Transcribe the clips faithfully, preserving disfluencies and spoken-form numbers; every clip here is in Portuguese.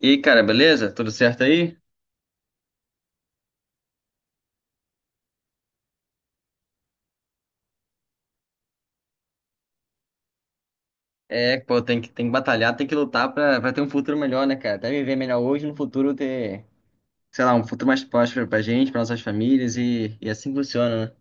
E cara, beleza? Tudo certo aí? É, pô, tem que, tem que batalhar, tem que lutar pra, pra ter um futuro melhor, né, cara? Até viver melhor hoje, no futuro ter, sei lá, um futuro mais próspero pra gente, pra nossas famílias e, e assim funciona, né?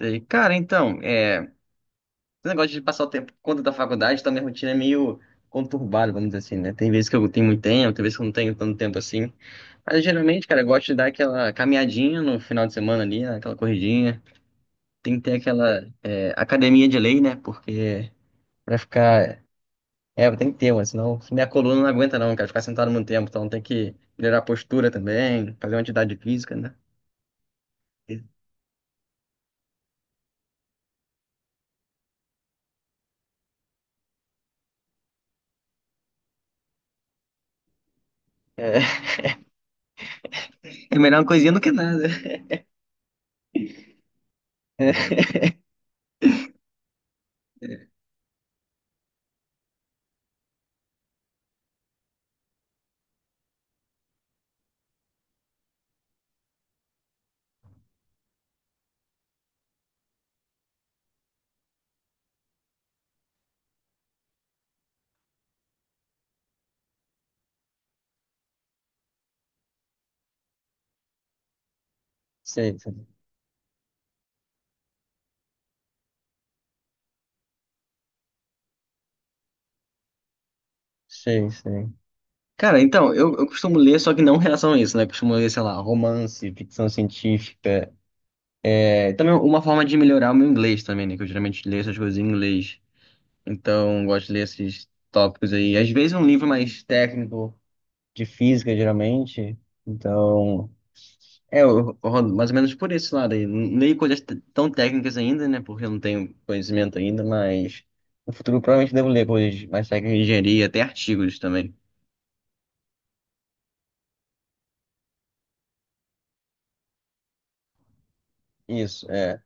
E, cara, então, é, esse negócio de passar o tempo por conta da faculdade, tá, minha rotina é meio conturbada, vamos dizer assim, né? Tem vezes que eu tenho muito tempo, tem vezes que eu não tenho tanto tempo assim. Mas geralmente, cara, eu gosto de dar aquela caminhadinha no final de semana ali, né? Aquela corridinha. Tem que ter aquela é, academia de lei, né? Porque pra ficar. É, tem que ter, mano, senão minha coluna não aguenta não, cara, ficar sentado muito tempo, então tem que melhorar a postura também, fazer uma atividade física, né? É, é melhor uma coisinha do que nada. É, sei, sei, sei. Sei. Cara, então, eu, eu costumo ler, só que não em relação a isso, né? Eu costumo ler, sei lá, romance, ficção científica. É, também uma forma de melhorar o meu inglês também, né? Que eu geralmente leio essas coisas em inglês. Então, gosto de ler esses tópicos aí. Às vezes um livro mais técnico de física, geralmente. Então, é, eu rodo mais ou menos por esse lado aí. Não coisas t- tão técnicas ainda, né? Porque eu não tenho conhecimento ainda, mas no futuro provavelmente devo ler coisas mais técnicas de engenharia, até artigos também. Isso, é.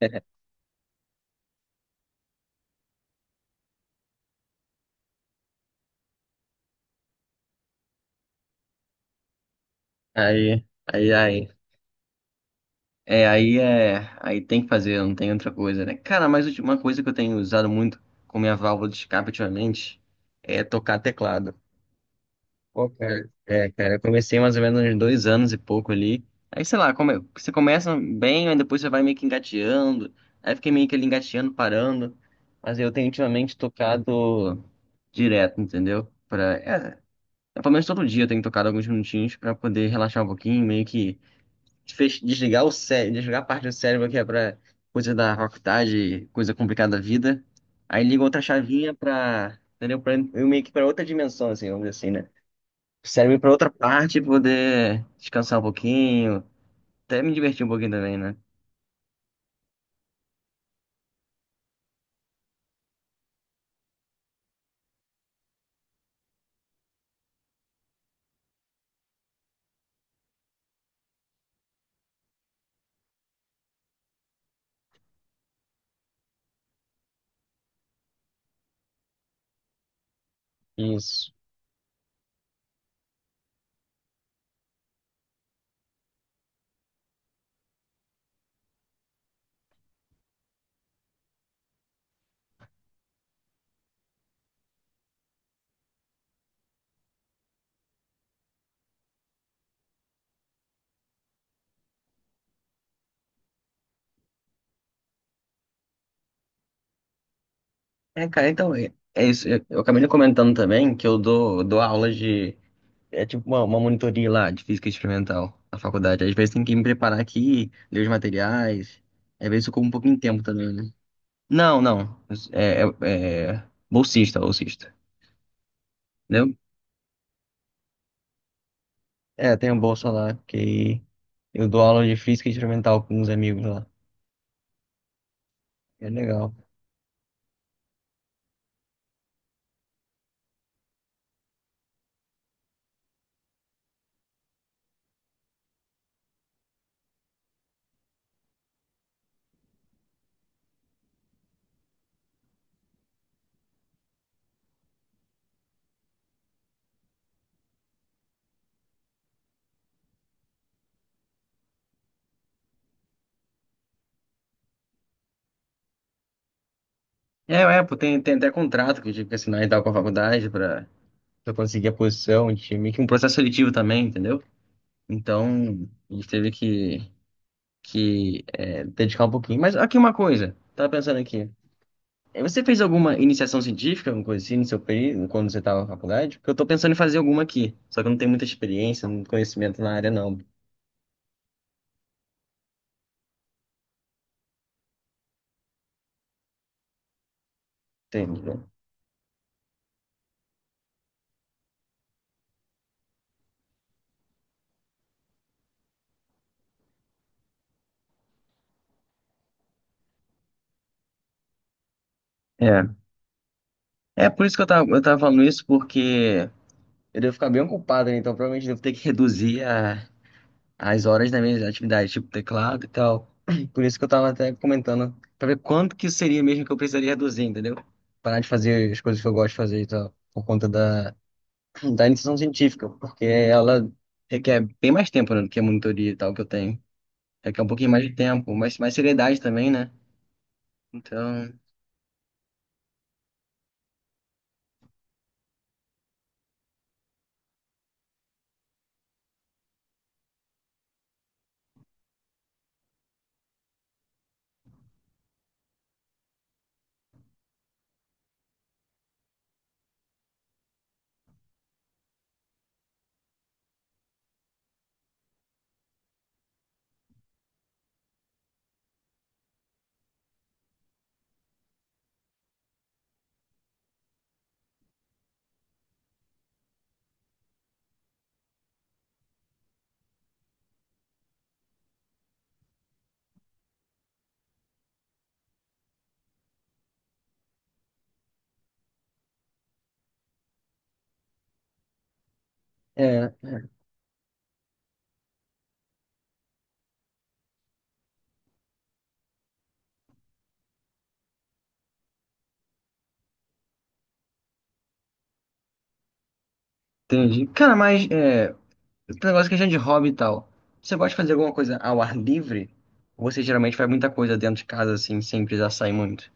Aí, aí, aí. É, aí é. Aí tem que fazer, não tem outra coisa, né? Cara, mas ulti- uma coisa que eu tenho usado muito com minha válvula de escape ultimamente é tocar teclado. Pô, cara, é, cara, eu comecei mais ou menos uns dois anos e pouco ali. Aí, sei lá, come, você começa bem, aí depois você vai meio que engateando. Aí fiquei meio que ali engateando, parando. Mas eu tenho ultimamente tocado direto, entendeu? Pra, é, é, pelo menos todo dia eu tenho tocado alguns minutinhos pra poder relaxar um pouquinho, meio que desfe- desligar o cérebro, desligar a parte do cérebro que é pra coisa da faculdade, coisa complicada da vida. Aí ligo outra chavinha pra, entendeu? Pra, eu meio que pra outra dimensão, assim, vamos dizer assim, né? Serve para outra parte poder descansar um pouquinho, até me divertir um pouquinho também, né? Isso. É, cara, então é, é isso. Eu, eu acabei comentando também que eu dou, dou aula de. É tipo uma, uma monitoria lá de física experimental na faculdade. Às vezes tem que me preparar aqui, ler os materiais. Às vezes eu como um pouquinho de tempo também, né? Não, não. É, é, é bolsista, bolsista. Entendeu? É, tem uma bolsa lá que eu dou aula de física experimental com uns amigos lá. É legal. É, é, pô, tem, tem até contrato que eu tive que assinar e tal com a faculdade pra, pra, conseguir a posição de meio que é um processo seletivo também, entendeu? Então, a gente teve que, que é, dedicar um pouquinho. Mas aqui uma coisa, tava pensando aqui. Eh, Você fez alguma iniciação científica, alguma coisa assim, no seu período, quando você tava na faculdade? Porque eu tô pensando em fazer alguma aqui, só que eu não tenho muita experiência, muito conhecimento na área, não. Entende, né? É, é por isso que eu tava, eu tava falando isso, porque eu devo ficar bem ocupado, né? Então provavelmente eu devo ter que reduzir a as horas das minhas atividades, tipo teclado e tal. Por isso que eu tava até comentando, pra ver quanto que seria mesmo que eu precisaria reduzir, entendeu? Parar de fazer as coisas que eu gosto de fazer e tal, por conta da, da iniciação científica, porque ela requer bem mais tempo, né, do que a monitoria e tal que eu tenho. Requer um pouquinho mais de tempo, mas mais seriedade também, né? Então, é, entendi. Cara, mas é, esse negócio que a gente de hobby e tal. Você gosta de fazer alguma coisa ao ar livre? Ou você geralmente faz muita coisa dentro de casa, assim, sem precisar sair muito?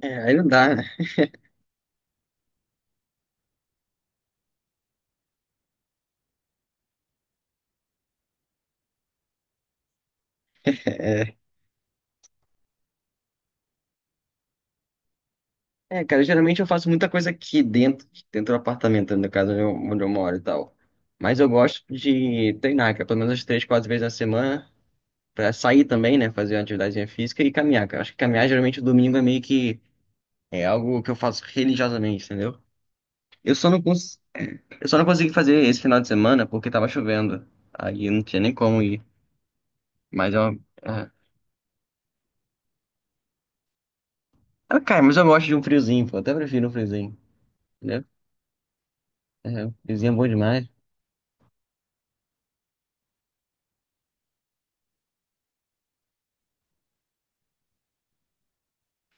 É, aí não dá, né? É, é, cara, geralmente eu faço muita coisa aqui dentro, dentro do apartamento, no caso onde eu, onde eu moro e tal. Mas eu gosto de treinar, que é pelo menos umas três, quatro vezes na semana, pra sair também, né? Fazer uma atividade física e caminhar, cara. Acho que caminhar geralmente o domingo é meio que é algo que eu faço religiosamente, entendeu? Eu só não cons... eu só não consegui fazer esse final de semana porque tava chovendo. Aí eu não tinha nem como ir. Mas eu. É... Ah, cara, mas eu gosto de um friozinho, pô. Até prefiro um friozinho, entendeu? É, um friozinho é bom demais.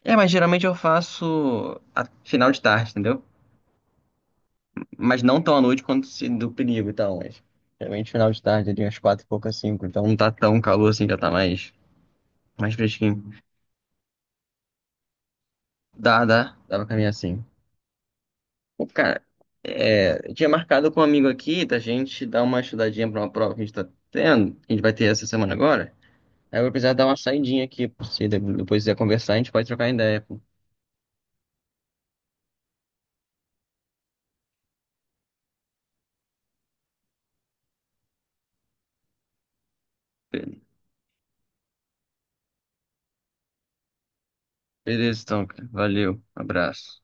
É, mas geralmente eu faço a final de tarde, entendeu? Mas não tão à noite quanto se do perigo e tal, mas geralmente final de tarde, ali umas quatro e pouca, cinco, então não tá tão calor assim, já tá mais, mais fresquinho. Dá, dá, dá pra caminhar assim. Pô, cara, é, eu tinha marcado com um amigo aqui da gente dar uma estudadinha pra uma prova que a gente tá tendo, que a gente vai ter essa semana agora. Aí eu vou precisar dar uma saidinha aqui, se de- depois quiser conversar, a gente pode trocar ideia, pô. Beleza, então, cara. Valeu, abraço.